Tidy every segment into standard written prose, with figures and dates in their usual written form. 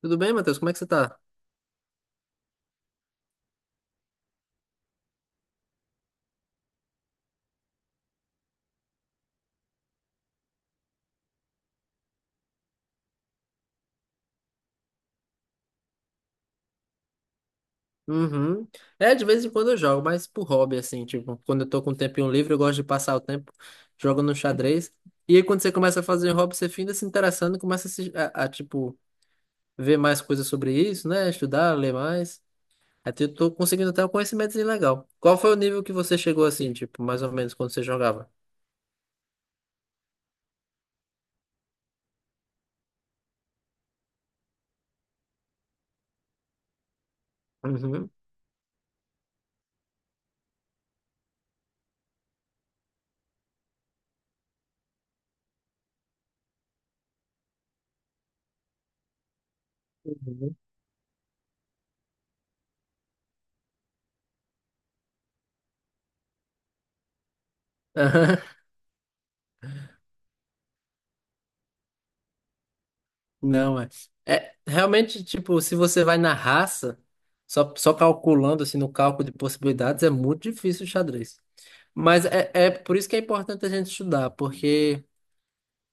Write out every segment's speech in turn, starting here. Tudo bem, Matheus? Como é que você tá? Uhum. É, de vez em quando eu jogo, mas por hobby, assim, tipo, quando eu tô com um tempinho livre, eu gosto de passar o tempo jogando xadrez. E aí, quando você começa a fazer hobby, você finda se interessando, começa a, tipo, ver mais coisas sobre isso, né? Estudar, ler mais. Até eu tô conseguindo até um conhecimento legal. Qual foi o nível que você chegou, assim, tipo, mais ou menos, quando você jogava? Uhum. Uhum. Não, é. É, realmente, tipo, se você vai na raça, só calculando, assim, no cálculo de possibilidades, é muito difícil o xadrez. Mas é por isso que é importante a gente estudar, porque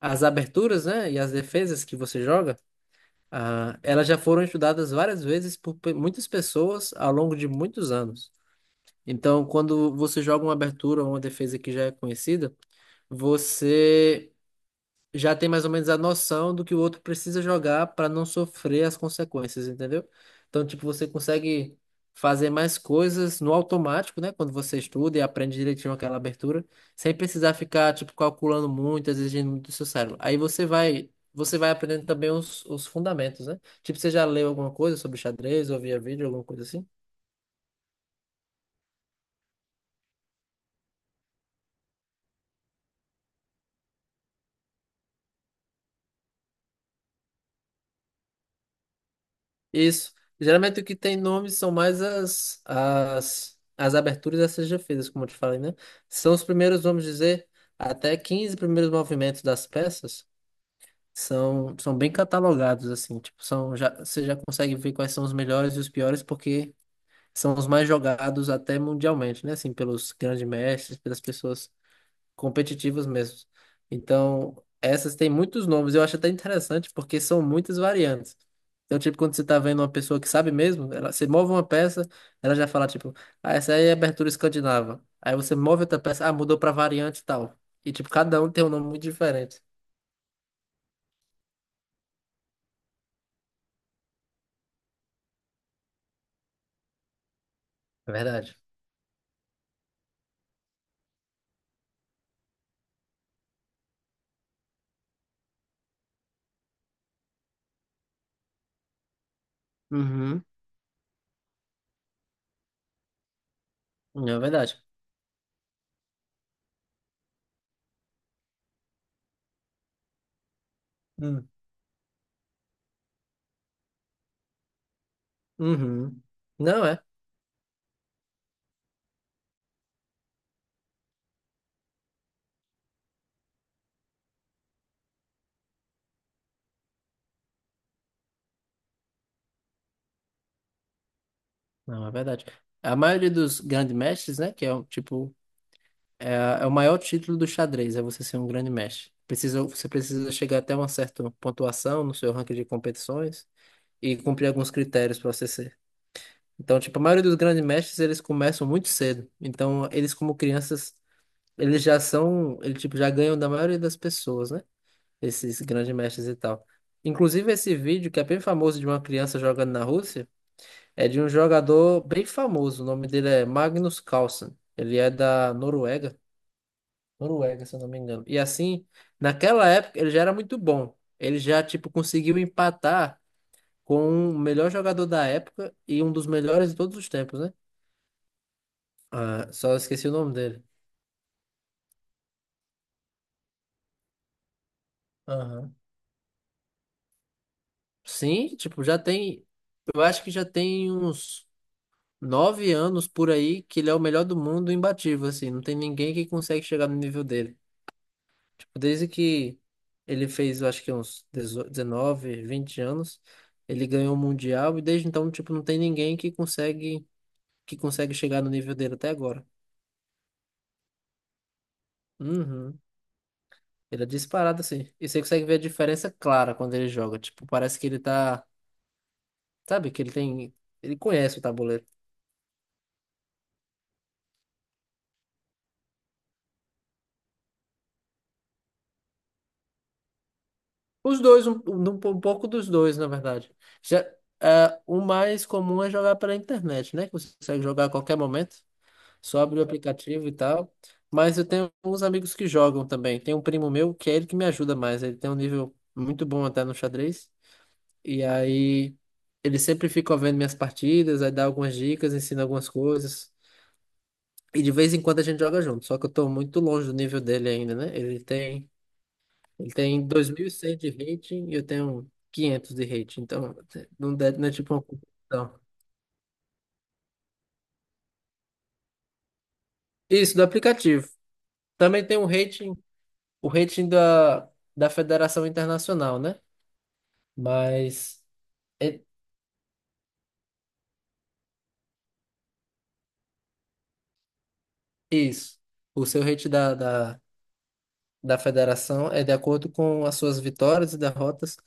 as aberturas, né, e as defesas que você joga, ah, elas já foram estudadas várias vezes por muitas pessoas ao longo de muitos anos. Então, quando você joga uma abertura ou uma defesa que já é conhecida, você já tem mais ou menos a noção do que o outro precisa jogar para não sofrer as consequências, entendeu? Então, tipo, você consegue fazer mais coisas no automático, né? Quando você estuda e aprende direitinho aquela abertura, sem precisar ficar, tipo, calculando muito, exigindo muito do seu cérebro. Aí você vai aprendendo também os fundamentos, né? Tipo, você já leu alguma coisa sobre xadrez, ou via vídeo, alguma coisa assim? Isso. Geralmente o que tem nome são mais as aberturas e as como eu te falei, né? São os primeiros, vamos dizer, até 15 primeiros movimentos das peças são bem catalogados, assim. Tipo, você já consegue ver quais são os melhores e os piores, porque são os mais jogados até mundialmente, né? Assim, pelos grandes mestres, pelas pessoas competitivos mesmos. Então, essas têm muitos nomes. Eu acho até interessante porque são muitas variantes. Então, tipo, quando você tá vendo uma pessoa que sabe mesmo, você move uma peça, ela já fala, tipo, ah, essa aí é abertura escandinava. Aí você move outra peça, ah, mudou pra variante e tal. E, tipo, cada um tem um nome muito diferente. É verdade. Uhum. É verdade. Hum. Uhum. Não é. Não, é verdade. A maioria dos grandes mestres, né, que é, um, tipo, É, é o maior título do xadrez, é você ser um grande mestre. Você precisa chegar até uma certa pontuação no seu ranking de competições e cumprir alguns critérios para você ser. Então, tipo, a maioria dos grandes mestres, eles começam muito cedo. Então, eles como crianças, eles já são, eles tipo, já ganham da maioria das pessoas, né? Esses grandes mestres e tal. Inclusive, esse vídeo, que é bem famoso de uma criança jogando na Rússia, é de um jogador bem famoso. O nome dele é Magnus Carlsen. Ele é da Noruega. Noruega, se eu não me engano. E assim, naquela época ele já era muito bom. Ele já, tipo, conseguiu empatar com o melhor jogador da época e um dos melhores de todos os tempos, né? Ah, só esqueci o nome dele. Aham. Sim, tipo, já tem. Eu acho que já tem uns 9 anos por aí que ele é o melhor do mundo imbatível, assim. Não tem ninguém que consegue chegar no nível dele. Tipo, desde que ele fez, eu acho que uns 18, 19, 20 anos, ele ganhou o Mundial e desde então, tipo, não tem ninguém que consegue chegar no nível dele até agora. Uhum. Ele é disparado assim. E você consegue ver a diferença clara quando ele joga. Tipo, parece que ele tá, sabe, ele conhece o tabuleiro. Os dois, um, um pouco dos dois, na verdade. Já, o mais comum é jogar pela internet, né? Que você consegue jogar a qualquer momento. Só abri o aplicativo e tal. Mas eu tenho uns amigos que jogam também. Tem um primo meu que é ele que me ajuda mais. Ele tem um nível muito bom até no xadrez. E aí ele sempre fica vendo minhas partidas, aí dá algumas dicas, ensina algumas coisas. E de vez em quando a gente joga junto. Só que eu tô muito longe do nível dele ainda, né? Ele tem 2.100 de rating e eu tenho 500 de rating. Então não, não é tipo uma competição. Isso, do aplicativo. Também tem um rating, o rating da Federação Internacional, né? Mas é isso. O seu rating da Federação é de acordo com as suas vitórias e derrotas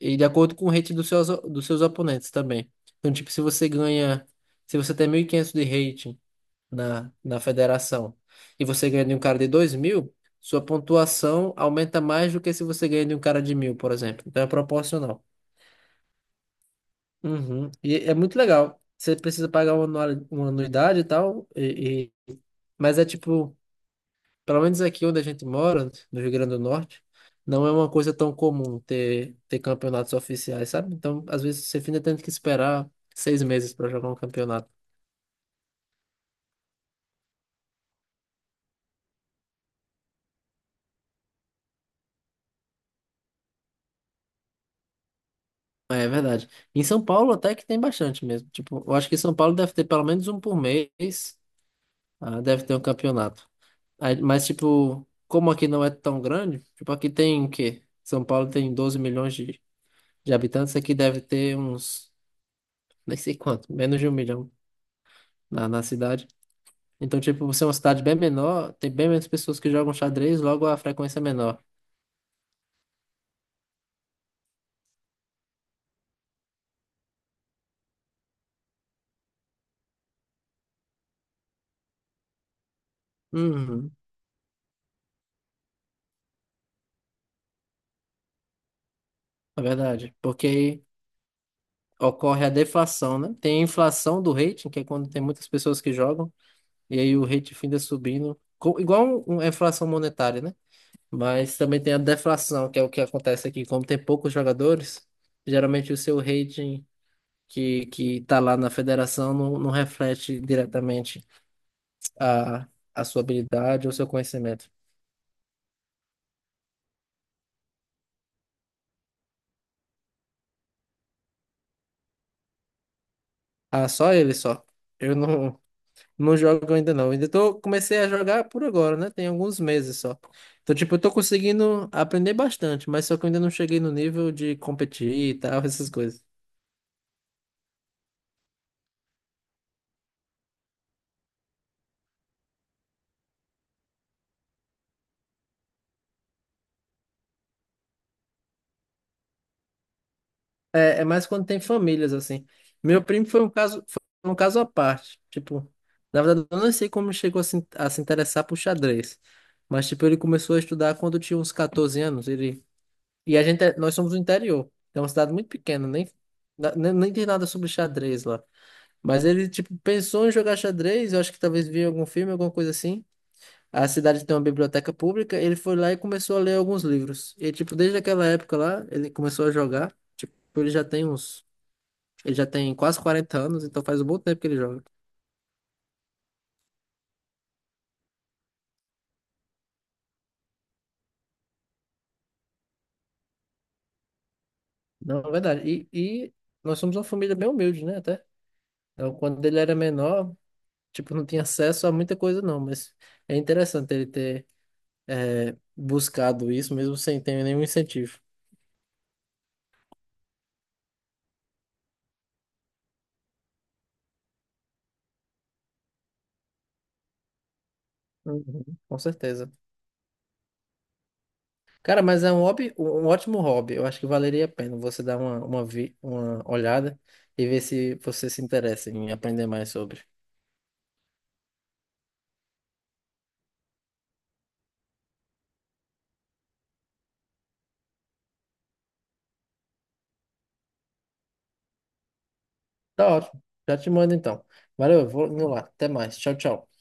e de acordo com o rating dos seus oponentes também. Então, tipo, se você tem 1.500 de rating na Federação e você ganha de um cara de 2.000, sua pontuação aumenta mais do que se você ganha de um cara de 1.000, por exemplo. Então, é proporcional. Uhum. E é muito legal. Você precisa pagar uma anuidade e tal, mas é tipo, pelo menos aqui onde a gente mora, no Rio Grande do Norte, não é uma coisa tão comum ter, campeonatos oficiais, sabe? Então, às vezes, você ainda tem que esperar 6 meses para jogar um campeonato. É verdade. Em São Paulo até que tem bastante mesmo. Tipo, eu acho que São Paulo deve ter pelo menos um por mês, deve ter um campeonato. Mas, tipo, como aqui não é tão grande, tipo, aqui tem o quê? São Paulo tem 12 milhões de habitantes, aqui deve ter uns, nem sei quanto, menos de um milhão na cidade. Então, tipo, você é uma cidade bem menor, tem bem menos pessoas que jogam xadrez, logo a frequência é menor. Uhum, é verdade. Porque aí ocorre a deflação, né? Tem a inflação do rating, que é quando tem muitas pessoas que jogam, e aí o rating finda subindo, igual uma inflação monetária, né? Mas também tem a deflação, que é o que acontece aqui. Como tem poucos jogadores, geralmente o seu rating que está lá na federação não reflete diretamente a, a sua habilidade ou seu conhecimento. Ah, só ele só. Eu não jogo ainda não. Ainda tô, comecei a jogar por agora, né? Tem alguns meses só. Então, tipo, eu tô conseguindo aprender bastante, mas só que eu ainda não cheguei no nível de competir e tal, essas coisas. É mais quando tem famílias, assim. Meu primo foi um caso à parte. Tipo, na verdade, eu não sei como chegou a se interessar por xadrez. Mas, tipo, ele começou a estudar quando tinha uns 14 anos. E nós somos do interior. É uma cidade muito pequena, nem, na- nem, nem tem nada sobre xadrez lá. Mas ele, tipo, pensou em jogar xadrez. Eu acho que talvez via algum filme, alguma coisa assim. A cidade tem uma biblioteca pública. Ele foi lá e começou a ler alguns livros. E, tipo, desde aquela época lá, ele começou a jogar. Tipo, ele já tem uns. Ele já tem quase 40 anos, então faz um bom tempo que ele joga. Não, é verdade. E nós somos uma família bem humilde, né? Até. Então, quando ele era menor, tipo, não tinha acesso a muita coisa, não. Mas é interessante ele ter buscado isso, mesmo sem ter nenhum incentivo. Uhum, com certeza. Cara, mas é um hobby, um ótimo hobby. Eu acho que valeria a pena você dar uma olhada e ver se você se interessa em aprender mais sobre. Tá ótimo. Já te mando então. Valeu, eu vou indo lá. Até mais. Tchau, tchau.